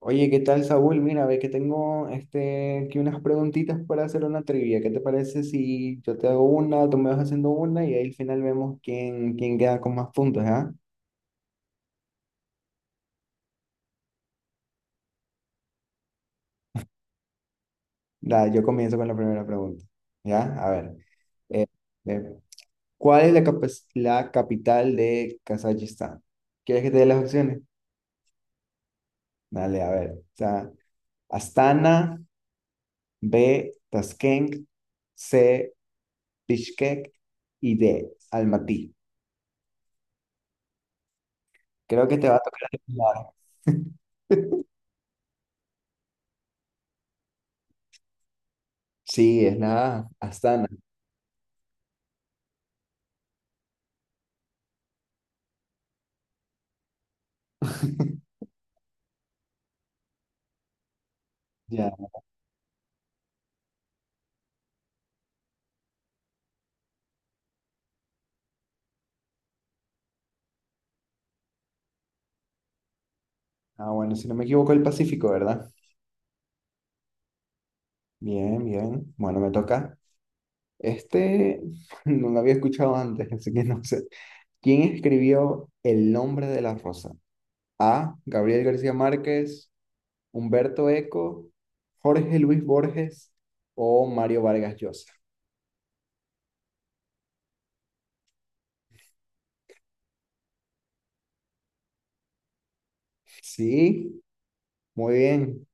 Oye, ¿qué tal, Saúl? Mira, ve que tengo este, aquí unas preguntitas para hacer una trivia. ¿Qué te parece si yo te hago una, tú me vas haciendo una y ahí al final vemos quién queda con más puntos, ¿ya? Yo comienzo con la primera pregunta, ¿ya? A ver, eh, eh, ¿cuál es la capital de Kazajistán? ¿Quieres que te dé las opciones? Dale, a ver. O sea, Astana, B, Tashkent, C, Bishkek y D, Almaty. Creo que te va a tocar. Sí, es la Astana. Ya. Ah, bueno, si no me equivoco, el Pacífico, ¿verdad? Bien, bien. Bueno, me toca. Este no lo había escuchado antes, así que no sé. ¿Quién escribió El nombre de la rosa? A, Gabriel García Márquez, Humberto Eco, Jorge Luis Borges o Mario Vargas Llosa. Sí, muy bien.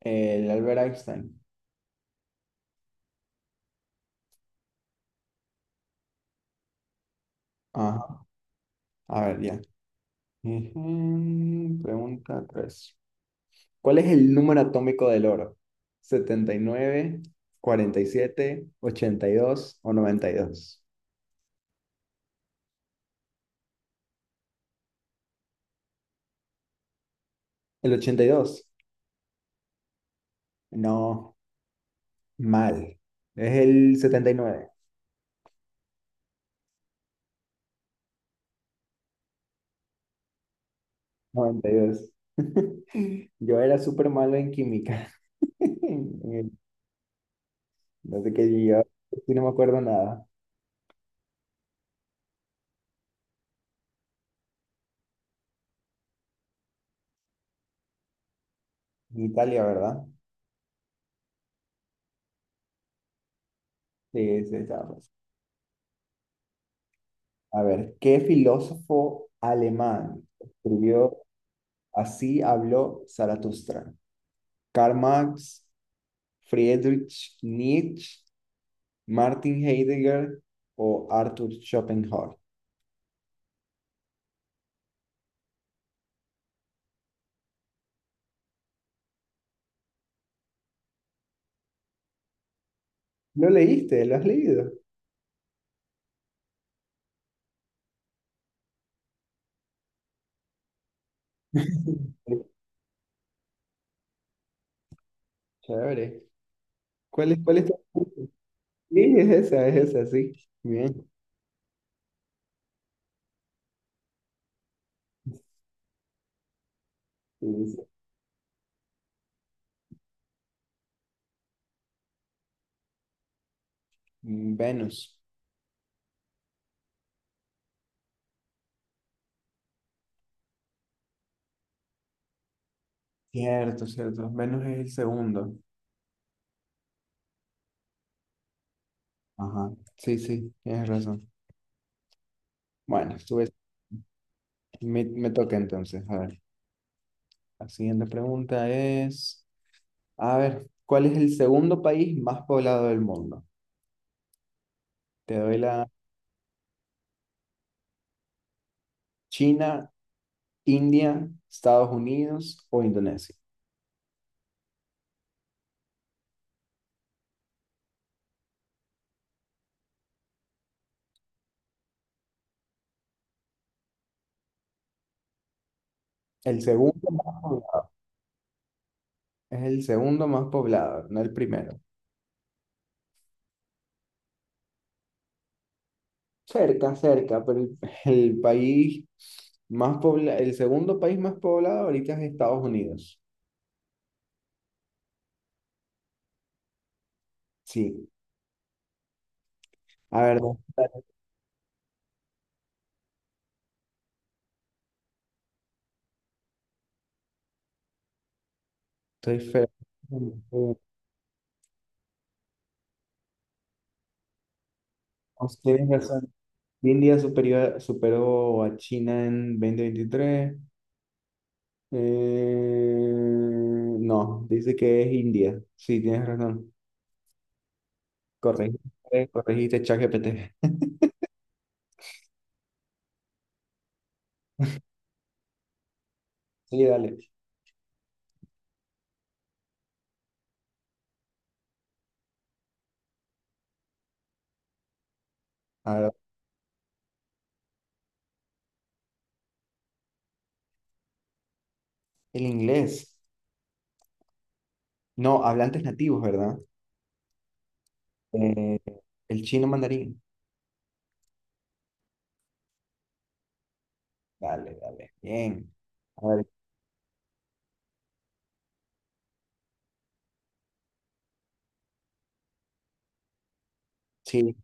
El Albert Einstein. Ajá. A ver, ya. Ujú. Pregunta 3. ¿Cuál es el número atómico del oro? Setenta y nueve, 47, 82 o 92. ¿El 82? No, mal. Es el 79, 92. Yo era súper malo en química. No sé qué yo, sí no me acuerdo nada. En Italia, ¿verdad? Sí, sí, estaba fácil. A ver, ¿qué filósofo alemán escribió Así habló Zaratustra? Karl Marx, Friedrich Nietzsche, Martin Heidegger o Arthur Schopenhauer. ¿Lo leíste? ¿Lo has leído? Chévere. ¿Cuál es tu- Sí, es esa, sí. Bien. Sí, sí. Venus. Cierto, cierto. Venus es el segundo. Ajá. Sí, sí, tienes razón. Bueno, estuve, me toca entonces. A ver, la siguiente pregunta es, a ver, ¿cuál es el segundo país más poblado del mundo? Te doy la China, India, Estados Unidos o Indonesia. El segundo más poblado, es el segundo más poblado, no el primero. Cerca, cerca, pero el país el segundo país más poblado ahorita es Estados Unidos. Sí. A ver, estoy feo. Oh, tienes razón. India superior, superó a China en 2023. No, dice que es India. Sí, tienes razón. Corregiste, corregiste, ChatGPT. Sí, dale. A ver, el inglés. No, hablantes nativos, ¿verdad? Eh, el chino mandarín. Dale, dale. Bien. A ver, sí,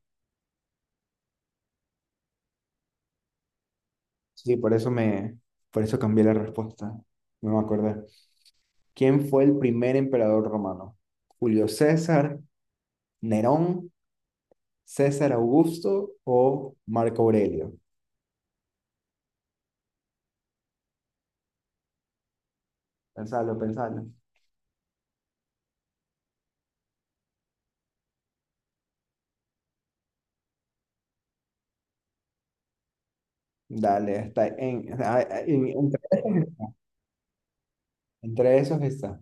sí, por eso cambié la respuesta. No me acordé. ¿Quién fue el primer emperador romano? ¿Julio César, Nerón, César Augusto o Marco Aurelio? Pensalo, pensalo. Dale, está en, entre, entre esos está.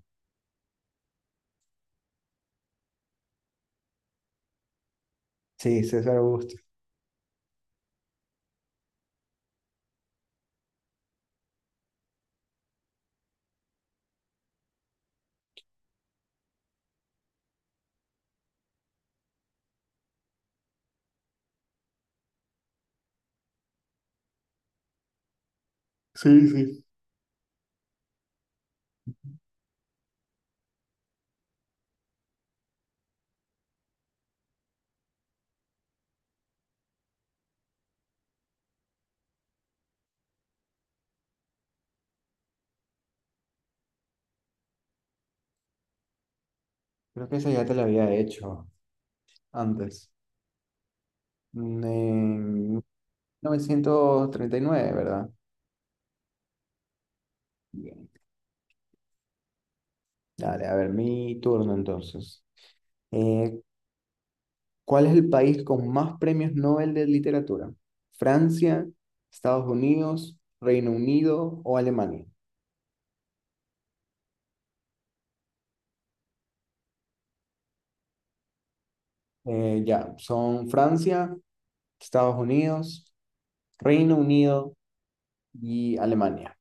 Sí, César Augusto. Sí, sí. Creo que esa ya te la había hecho. Antes. Mm. En 1939, ¿verdad? Bien. Dale, a ver, mi turno entonces. Eh, ¿Cuál es el país con más premios Nobel de literatura? ¿Francia, Estados Unidos, Reino Unido o Alemania? Ya, son Francia, Estados Unidos, Reino Unido y Alemania.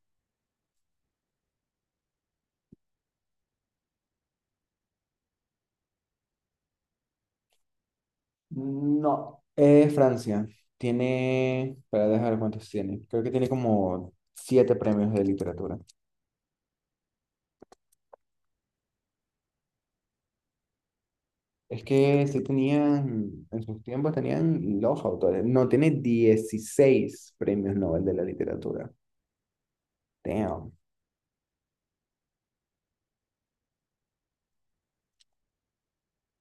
No, es Francia. Tiene, para dejar cuántos tiene. Creo que tiene como siete premios de literatura. Es que sí tenían, en sus tiempos tenían los autores. No, tiene 16 premios Nobel de la literatura. Damn.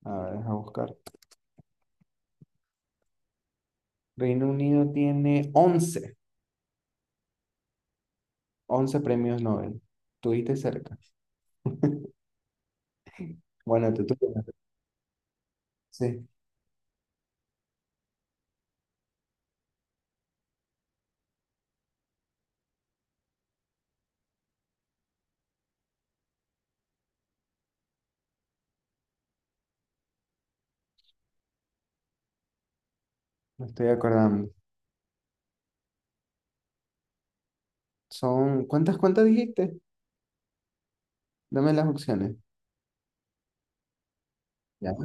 A ver, deja buscar. Reino Unido tiene once premios Nobel. Tuviste cerca. Bueno, tú tuviste. Sí, me estoy acordando. Son, ¿cuántas dijiste? Dame las opciones. Ya.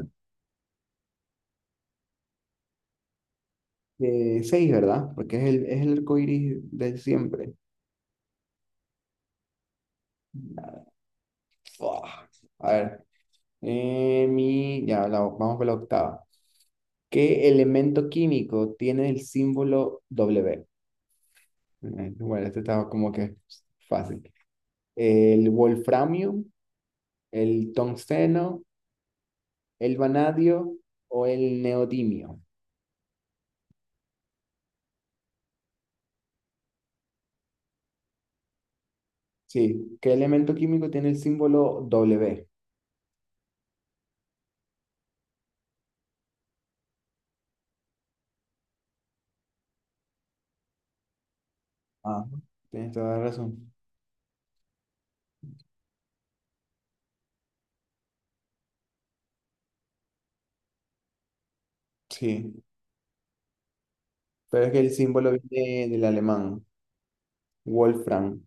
Seis, ¿verdad? Porque es el arco iris de siempre. Fua. A ver, mi, ya, vamos con la octava. ¿Qué elemento químico tiene el símbolo W? Bueno, este estaba como que fácil. ¿El wolframio, el tungsteno, el vanadio o el neodimio? Sí, ¿qué elemento químico tiene el símbolo W? Ah, tienes toda la razón. Sí, pero es que el símbolo viene del alemán, Wolfram.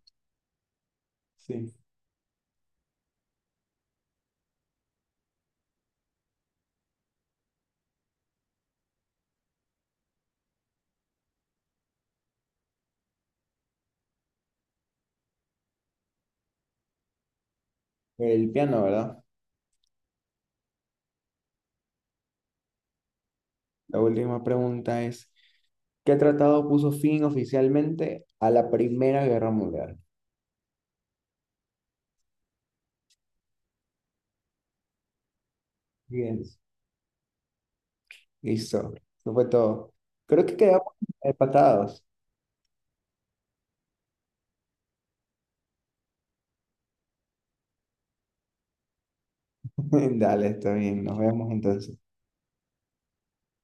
Sí, el piano, ¿verdad? La última pregunta es, ¿qué tratado puso fin oficialmente a la Primera Guerra Mundial? Bien, listo. Eso fue todo. Creo que quedamos empatados. Dale, está bien. Nos vemos entonces.